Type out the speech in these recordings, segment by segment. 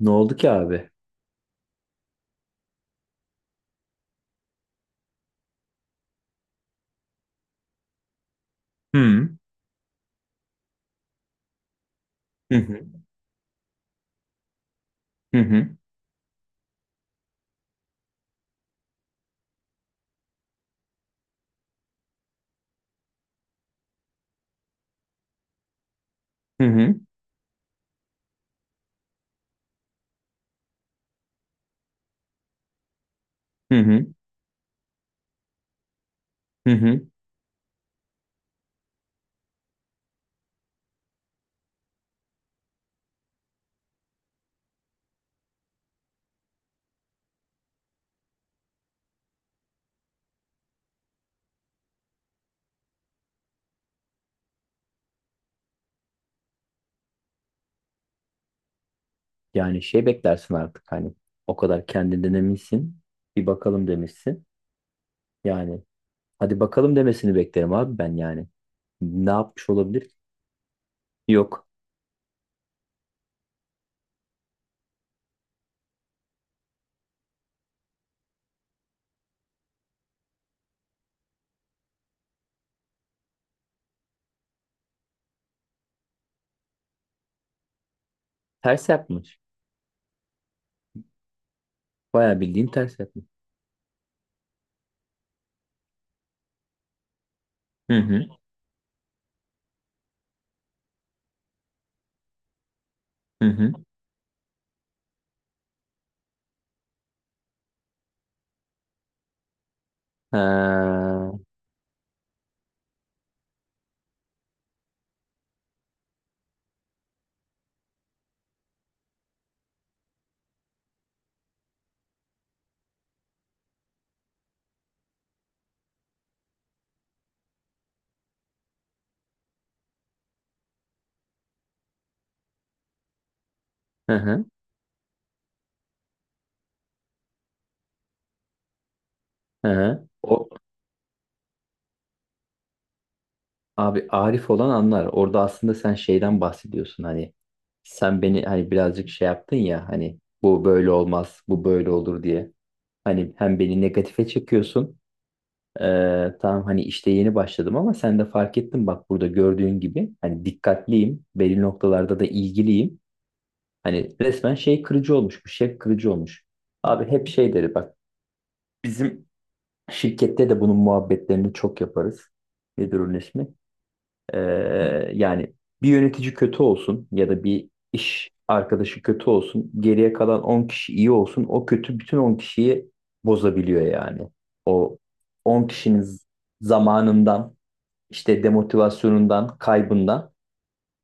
Ne oldu ki abi? Hı. Hı hı. Hı hı. Hı hı. Hı hı. Hı hı. Yani şey beklersin artık hani, o kadar kendinden eminsin. Bir bakalım demişsin. Yani hadi bakalım demesini beklerim abi ben yani. Ne yapmış olabilir? Yok. Ters yapmış. Bayağı bildiğin ters yapmış. Hı hı. Hı hı. Ha. Hı hı. Hı hı. O, Abi Arif olan anlar. Orada aslında sen şeyden bahsediyorsun hani. Sen beni hani birazcık şey yaptın ya, hani bu böyle olmaz, bu böyle olur diye. Hani hem beni negatife çekiyorsun. Tamam, hani işte yeni başladım ama sen de fark ettin bak, burada gördüğün gibi hani dikkatliyim. Belli noktalarda da ilgiliyim. Hani resmen şey kırıcı olmuş, bu şey kırıcı olmuş. Abi hep şey deri bak, bizim şirkette de bunun muhabbetlerini çok yaparız. Nedir onun ismi? Yani bir yönetici kötü olsun ya da bir iş arkadaşı kötü olsun, geriye kalan 10 kişi iyi olsun, o kötü bütün 10 kişiyi bozabiliyor yani. O 10 kişinin zamanından, işte demotivasyonundan, kaybından.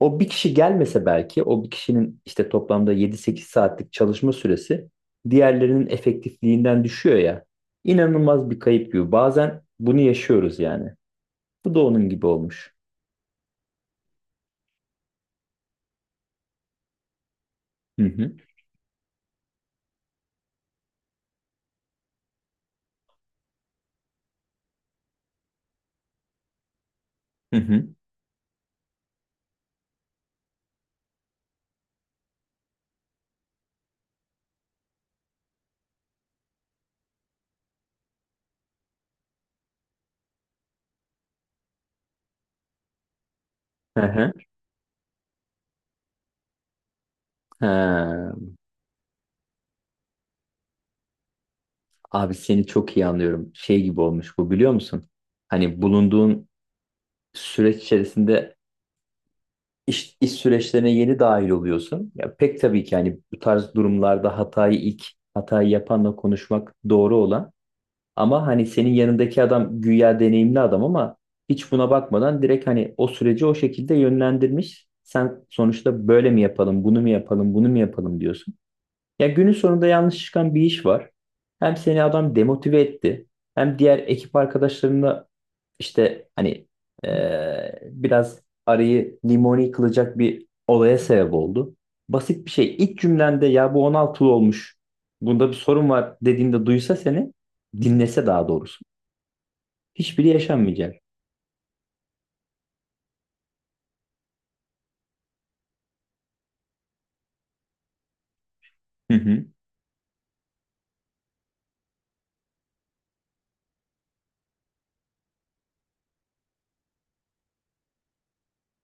O bir kişi gelmese belki, o bir kişinin işte toplamda 7-8 saatlik çalışma süresi diğerlerinin efektifliğinden düşüyor ya. İnanılmaz bir kayıp gibi. Bazen bunu yaşıyoruz yani. Bu da onun gibi olmuş. Hı hı. Hı hı. Hı hı. Ha. Abi, seni çok iyi anlıyorum. Şey gibi olmuş bu, biliyor musun? Hani bulunduğun süreç içerisinde iş süreçlerine yeni dahil oluyorsun. Ya pek tabii ki hani bu tarz durumlarda ilk hatayı yapanla konuşmak doğru olan. Ama hani senin yanındaki adam güya deneyimli adam ama hiç buna bakmadan direkt hani o süreci o şekilde yönlendirmiş. Sen sonuçta böyle mi yapalım, bunu mu yapalım, bunu mu yapalım diyorsun. Ya günün sonunda yanlış çıkan bir iş var. Hem seni adam demotive etti, hem diğer ekip arkadaşlarına işte hani, biraz arayı limoni kılacak bir olaya sebep oldu. Basit bir şey. İlk cümlende ya bu 16'lı olmuş, bunda bir sorun var dediğinde duysa seni, dinlese daha doğrusu. Hiçbiri yaşanmayacak. Hı hı.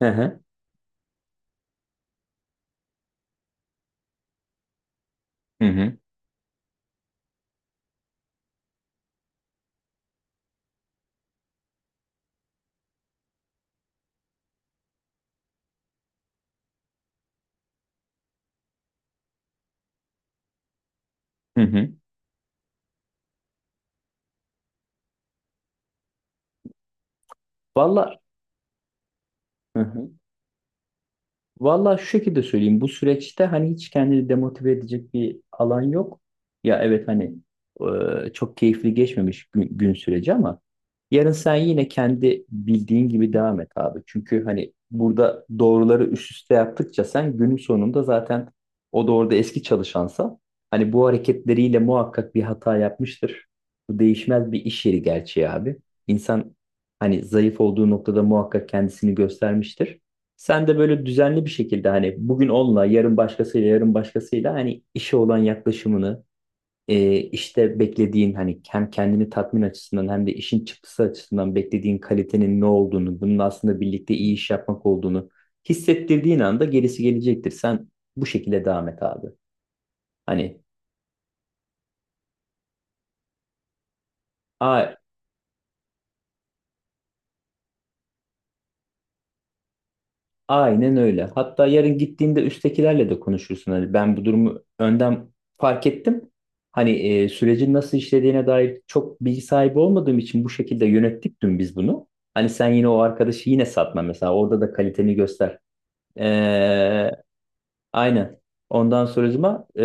Hı hı. Hı hı. Hı hı. Valla. Hı hı. Valla şu şekilde söyleyeyim. Bu süreçte hani hiç kendini demotive edecek bir alan yok. Ya evet hani, çok keyifli geçmemiş gün süreci ama yarın sen yine kendi bildiğin gibi devam et abi. Çünkü hani burada doğruları üst üste yaptıkça sen günün sonunda zaten, o da orada eski çalışansa hani bu hareketleriyle muhakkak bir hata yapmıştır. Bu değişmez bir iş yeri gerçeği abi. İnsan hani zayıf olduğu noktada muhakkak kendisini göstermiştir. Sen de böyle düzenli bir şekilde hani bugün onunla, yarın başkasıyla, yarın başkasıyla, hani işe olan yaklaşımını, işte beklediğin hani hem kendini tatmin açısından hem de işin çıktısı açısından beklediğin kalitenin ne olduğunu, bunun aslında birlikte iyi iş yapmak olduğunu hissettirdiğin anda gerisi gelecektir. Sen bu şekilde devam et abi. Hani, a aynen öyle. Hatta yarın gittiğinde üsttekilerle de konuşursun. Hani ben bu durumu önden fark ettim. Hani sürecin nasıl işlediğine dair çok bilgi sahibi olmadığım için bu şekilde yönettik dün biz bunu. Hani sen yine o arkadaşı yine satma mesela. Orada da kaliteni göster. Ee, Aynen. Ondan sonracıma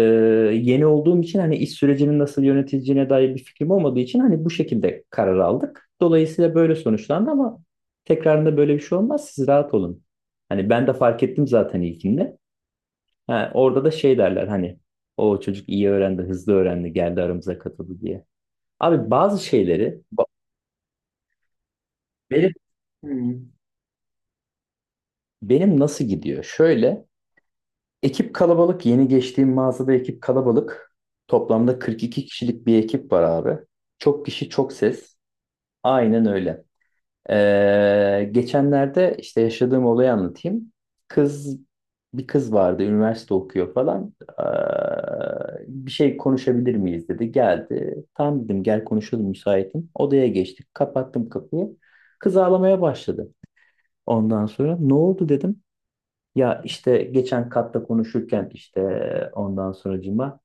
yeni olduğum için hani iş sürecinin nasıl yönetileceğine dair bir fikrim olmadığı için hani bu şekilde karar aldık. Dolayısıyla böyle sonuçlandı ama tekrarında böyle bir şey olmaz. Siz rahat olun. Hani ben de fark ettim zaten ilkinde. Ha, orada da şey derler hani, o çocuk iyi öğrendi, hızlı öğrendi, geldi aramıza katıldı diye. Abi bazı şeyleri ba- benim, Hmm. Benim nasıl gidiyor? Şöyle. Ekip kalabalık. Yeni geçtiğim mağazada ekip kalabalık. Toplamda 42 kişilik bir ekip var abi. Çok kişi çok ses. Aynen öyle. Geçenlerde işte yaşadığım olayı anlatayım. Kız Bir kız vardı, üniversite okuyor falan. Bir şey konuşabilir miyiz dedi. Geldi. Tamam dedim, gel konuşalım müsaitim. Odaya geçtik. Kapattım kapıyı. Kız ağlamaya başladı. Ondan sonra ne oldu dedim. Ya işte geçen katta konuşurken işte ondan sonracıma,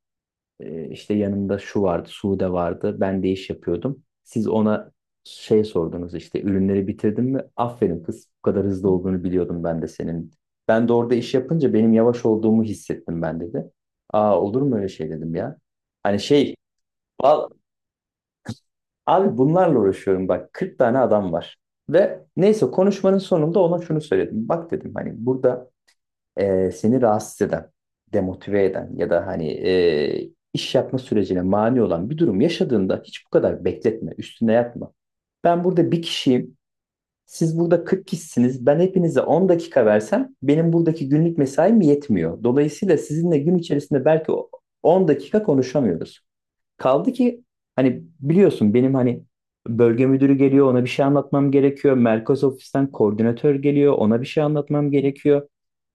işte yanımda şu vardı, Sude vardı. Ben de iş yapıyordum. Siz ona şey sordunuz işte, ürünleri bitirdin mi? Aferin kız, bu kadar hızlı olduğunu biliyordum ben de senin. Ben de orada iş yapınca benim yavaş olduğumu hissettim ben, dedi. Aa, olur mu öyle şey dedim ya. Hani şey val- abi bunlarla uğraşıyorum bak, 40 tane adam var. Ve neyse konuşmanın sonunda ona şunu söyledim. Bak dedim, hani burada seni rahatsız eden, demotive eden ya da hani iş yapma sürecine mani olan bir durum yaşadığında hiç bu kadar bekletme, üstüne yatma. Ben burada bir kişiyim, siz burada 40 kişisiniz. Ben hepinize 10 dakika versem benim buradaki günlük mesaim yetmiyor. Dolayısıyla sizinle gün içerisinde belki 10 dakika konuşamıyoruz. Kaldı ki hani biliyorsun benim hani, bölge müdürü geliyor ona bir şey anlatmam gerekiyor. Merkez ofisten koordinatör geliyor ona bir şey anlatmam gerekiyor.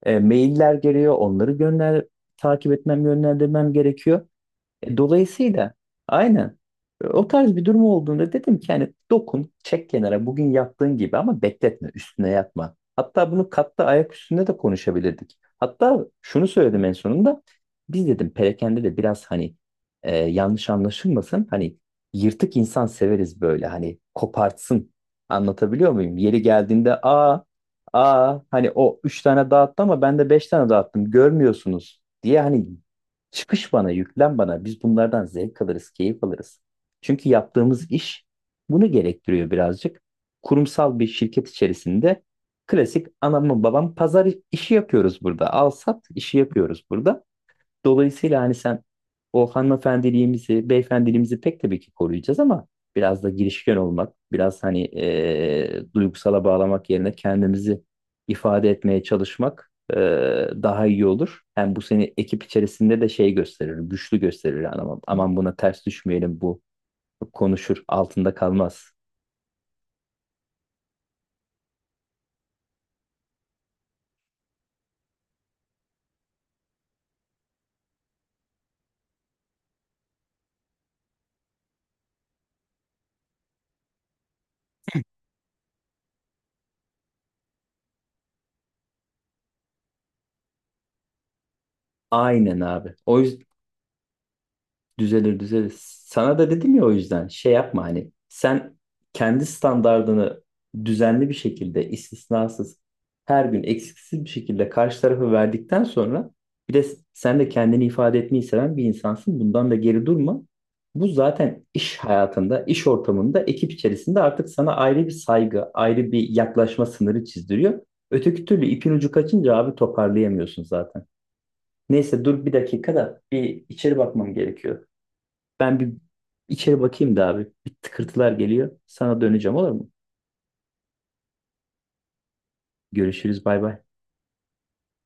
Mailler geliyor, onları gönder, takip etmem, yönlendirmem gerekiyor. Dolayısıyla aynen. O tarz bir durum olduğunda dedim ki hani dokun çek kenara bugün yaptığın gibi ama bekletme üstüne yatma. Hatta bunu katta ayak üstünde de konuşabilirdik. Hatta şunu söyledim en sonunda, biz dedim perakende de biraz hani yanlış anlaşılmasın hani yırtık insan severiz böyle hani kopartsın, anlatabiliyor muyum? Yeri geldiğinde aa, aa hani, o üç tane dağıttı ama ben de beş tane dağıttım görmüyorsunuz diye hani, çıkış bana, yüklen bana. Biz bunlardan zevk alırız, keyif alırız. Çünkü yaptığımız iş bunu gerektiriyor birazcık. Kurumsal bir şirket içerisinde klasik anamın babam pazar işi yapıyoruz burada. Al sat işi yapıyoruz burada. Dolayısıyla hani sen o hanımefendiliğimizi, beyefendiliğimizi pek tabii ki koruyacağız ama biraz da girişken olmak, biraz hani duygusala bağlamak yerine kendimizi ifade etmeye çalışmak daha iyi olur. Hem bu seni ekip içerisinde de şey gösterir, güçlü gösterir. Yani aman, aman buna ters düşmeyelim, bu konuşur, altında kalmaz. Aynen abi. O yüzden. Düzelir düzelir. Sana da dedim ya, o yüzden şey yapma hani, sen kendi standardını düzenli bir şekilde istisnasız her gün eksiksiz bir şekilde karşı tarafa verdikten sonra bir de sen de kendini ifade etmeyi seven bir insansın. Bundan da geri durma. Bu zaten iş hayatında, iş ortamında, ekip içerisinde artık sana ayrı bir saygı, ayrı bir yaklaşma sınırı çizdiriyor. Öteki türlü ipin ucu kaçınca abi toparlayamıyorsun zaten. Neyse dur, bir dakika da bir içeri bakmam gerekiyor. Ben bir içeri bakayım da abi. Bir tıkırtılar geliyor. Sana döneceğim olur mu? Görüşürüz bay bay.